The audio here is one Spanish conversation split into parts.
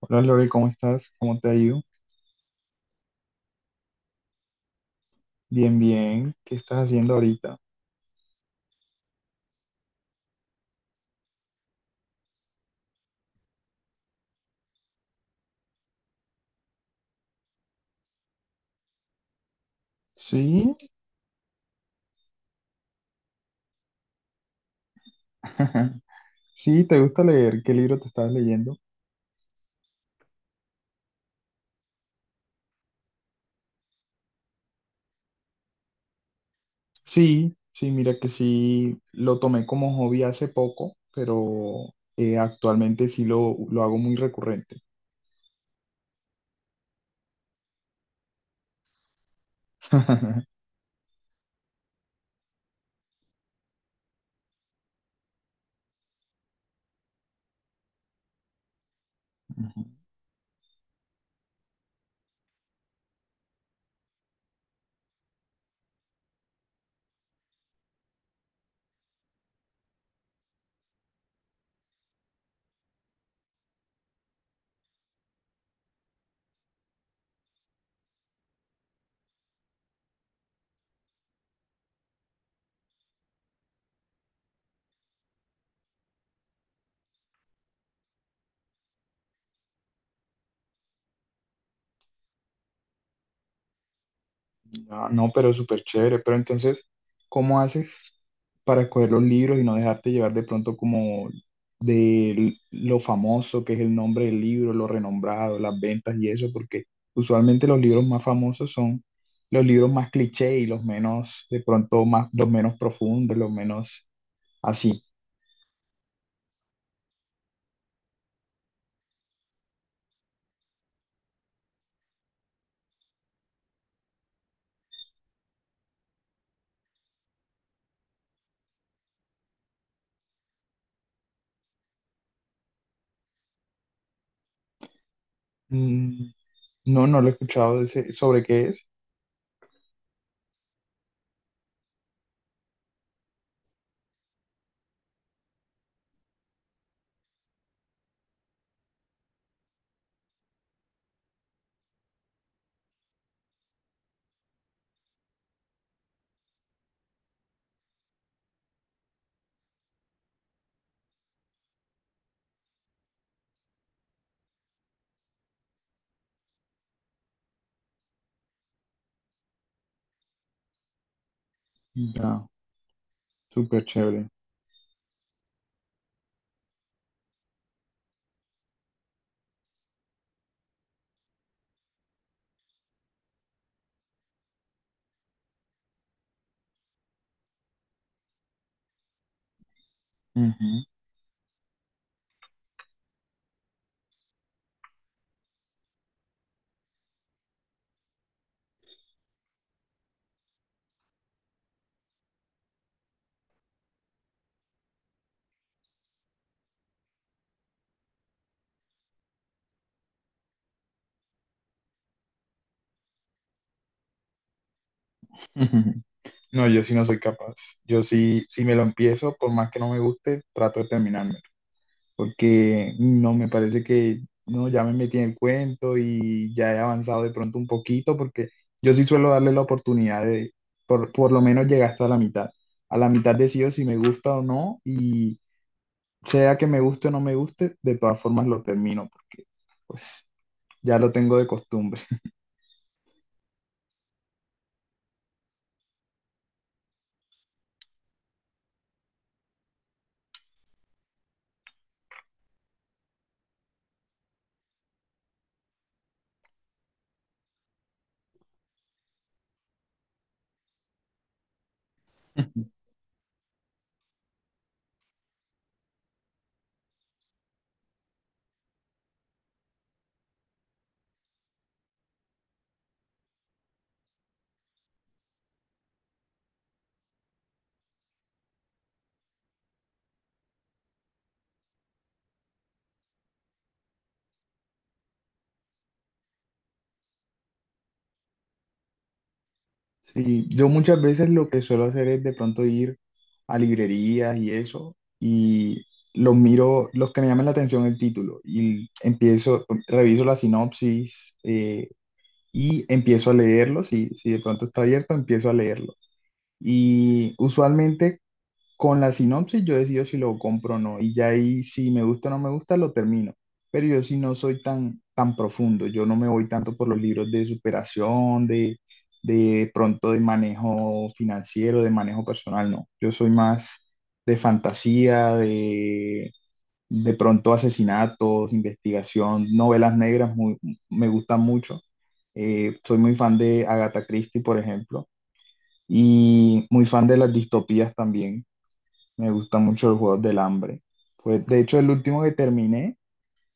Hola Lore, ¿cómo estás? ¿Cómo te ha ido? Bien, bien. ¿Qué estás haciendo ahorita? Sí, sí, ¿te gusta leer? ¿Qué libro te estás leyendo? Sí, sí, mira que sí, lo tomé como hobby hace poco, pero actualmente sí lo hago muy recurrente. Ah, no, pero súper chévere. Pero entonces, ¿cómo haces para coger los libros y no dejarte llevar de pronto como de lo famoso que es el nombre del libro, lo renombrado, las ventas y eso? Porque usualmente los libros más famosos son los libros más cliché y los menos, de pronto, más, los menos profundos, los menos así. Mm, no, no lo he escuchado ¿Sobre qué es? Ya, súper chévere. Ujú. No, yo sí no soy capaz. Yo sí, si me lo empiezo, por más que no me guste, trato de terminármelo. Porque no me parece que no, ya me metí en el cuento y ya he avanzado de pronto un poquito, porque yo sí suelo darle la oportunidad por lo menos llegar hasta la mitad. A la mitad decido si me gusta o no, y sea que me guste o no me guste, de todas formas lo termino, porque pues ya lo tengo de costumbre. Sí, yo muchas veces lo que suelo hacer es de pronto ir a librerías y eso, y los miro, los que me llaman la atención el título, y empiezo, reviso la sinopsis y empiezo a leerlo, si de pronto está abierto, empiezo a leerlo. Y usualmente con la sinopsis yo decido si lo compro o no, y ya ahí si me gusta o no me gusta lo termino. Pero yo sí no soy tan, tan profundo, yo no me voy tanto por los libros de superación, de pronto de manejo financiero, de manejo personal, no. Yo soy más de fantasía, de pronto asesinatos, investigación, novelas negras, me gustan mucho. Soy muy fan de Agatha Christie, por ejemplo, y muy fan de las distopías también. Me gusta mucho los Juegos del Hambre. Pues, de hecho, el último que terminé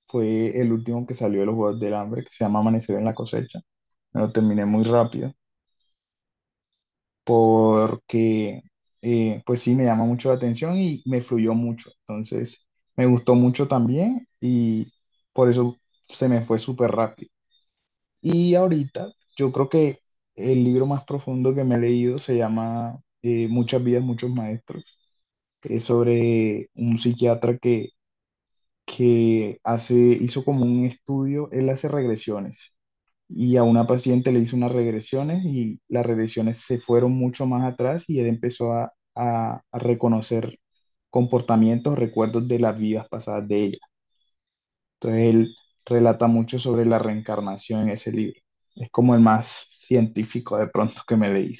fue el último que salió de los Juegos del Hambre, que se llama Amanecer en la cosecha. Me lo terminé muy rápido porque, pues sí, me llama mucho la atención y me fluyó mucho. Entonces, me gustó mucho también y por eso se me fue súper rápido. Y ahorita, yo creo que el libro más profundo que me he leído se llama Muchas vidas, muchos maestros. Es sobre un psiquiatra que hace, hizo como un estudio, él hace regresiones y a una paciente le hizo unas regresiones y las regresiones se fueron mucho más atrás y él empezó a reconocer comportamientos, recuerdos de las vidas pasadas de ella. Entonces él relata mucho sobre la reencarnación en ese libro. Es como el más científico de pronto que me leí.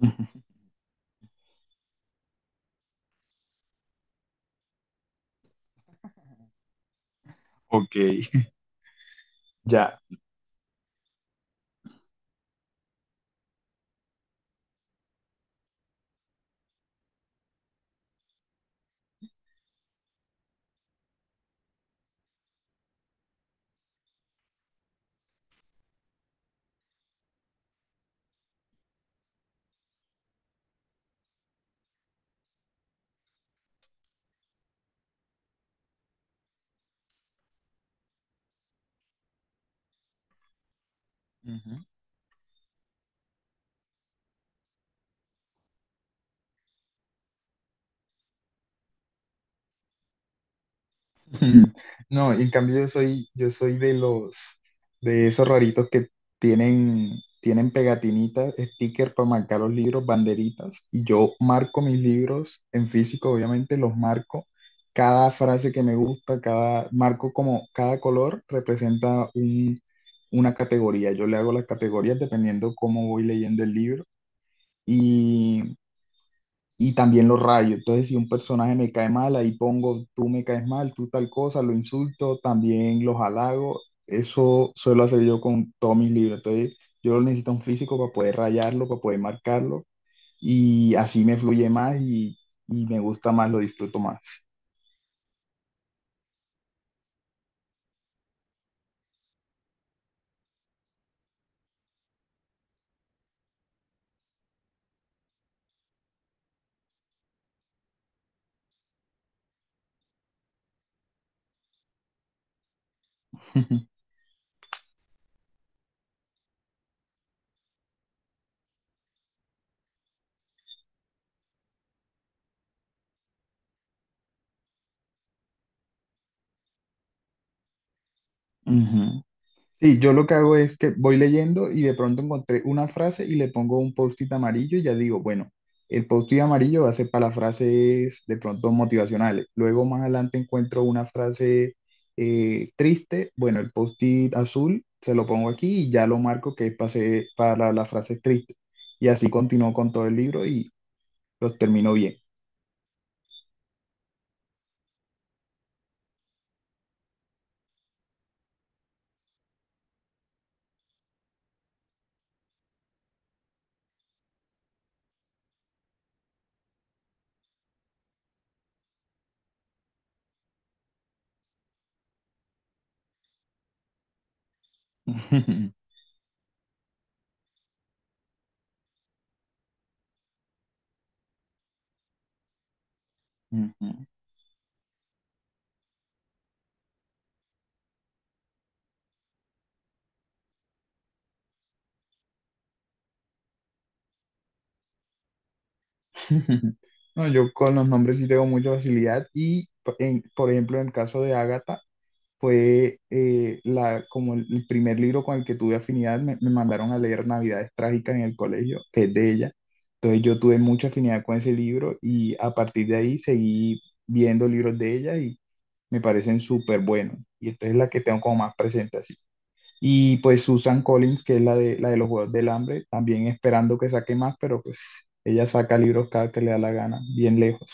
Ok. Ya. Ujú. No, y en cambio yo soy de los, de esos raritos que tienen, tienen pegatinitas, stickers para marcar los libros, banderitas, y yo marco mis libros en físico, obviamente los marco, cada frase que me gusta, cada, marco como cada color representa un, una categoría, yo le hago las categorías dependiendo cómo voy leyendo el libro, y también los rayos. Entonces, si un personaje me cae mal, ahí pongo, tú me caes mal, tú tal cosa, lo insulto, también los halago. Eso suelo hacer yo con todos mis libros. Entonces, yo necesito un físico para poder rayarlo, para poder marcarlo y así me fluye más y me gusta más, lo disfruto más. Ujú. Sí, yo lo que hago es que voy leyendo y de pronto encontré una frase y le pongo un post-it amarillo y ya digo, bueno, el post-it amarillo va a ser para las frases de pronto motivacionales. Luego más adelante encuentro una frase triste, bueno, el post-it azul se lo pongo aquí y ya lo marco que es para las frases tristes. Y así continúo con todo el libro y los termino bien. Ujú. No, yo con los nombres sí tengo mucha facilidad y por ejemplo en el caso de Ágata fue como el primer libro con el que tuve afinidad. Me mandaron a leer Navidades Trágicas en el colegio, que es de ella. Entonces yo tuve mucha afinidad con ese libro y a partir de ahí seguí viendo libros de ella y me parecen súper buenos. Y esta es la que tengo como más presente así. Y pues Susan Collins, que es la de los Juegos del Hambre, también esperando que saque más, pero pues ella saca libros cada que le da la gana, bien lejos.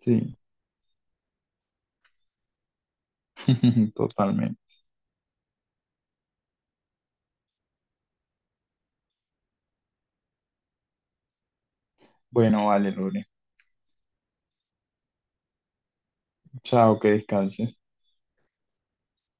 Sí, totalmente. Bueno, vale, Lore. Chao, que descanses.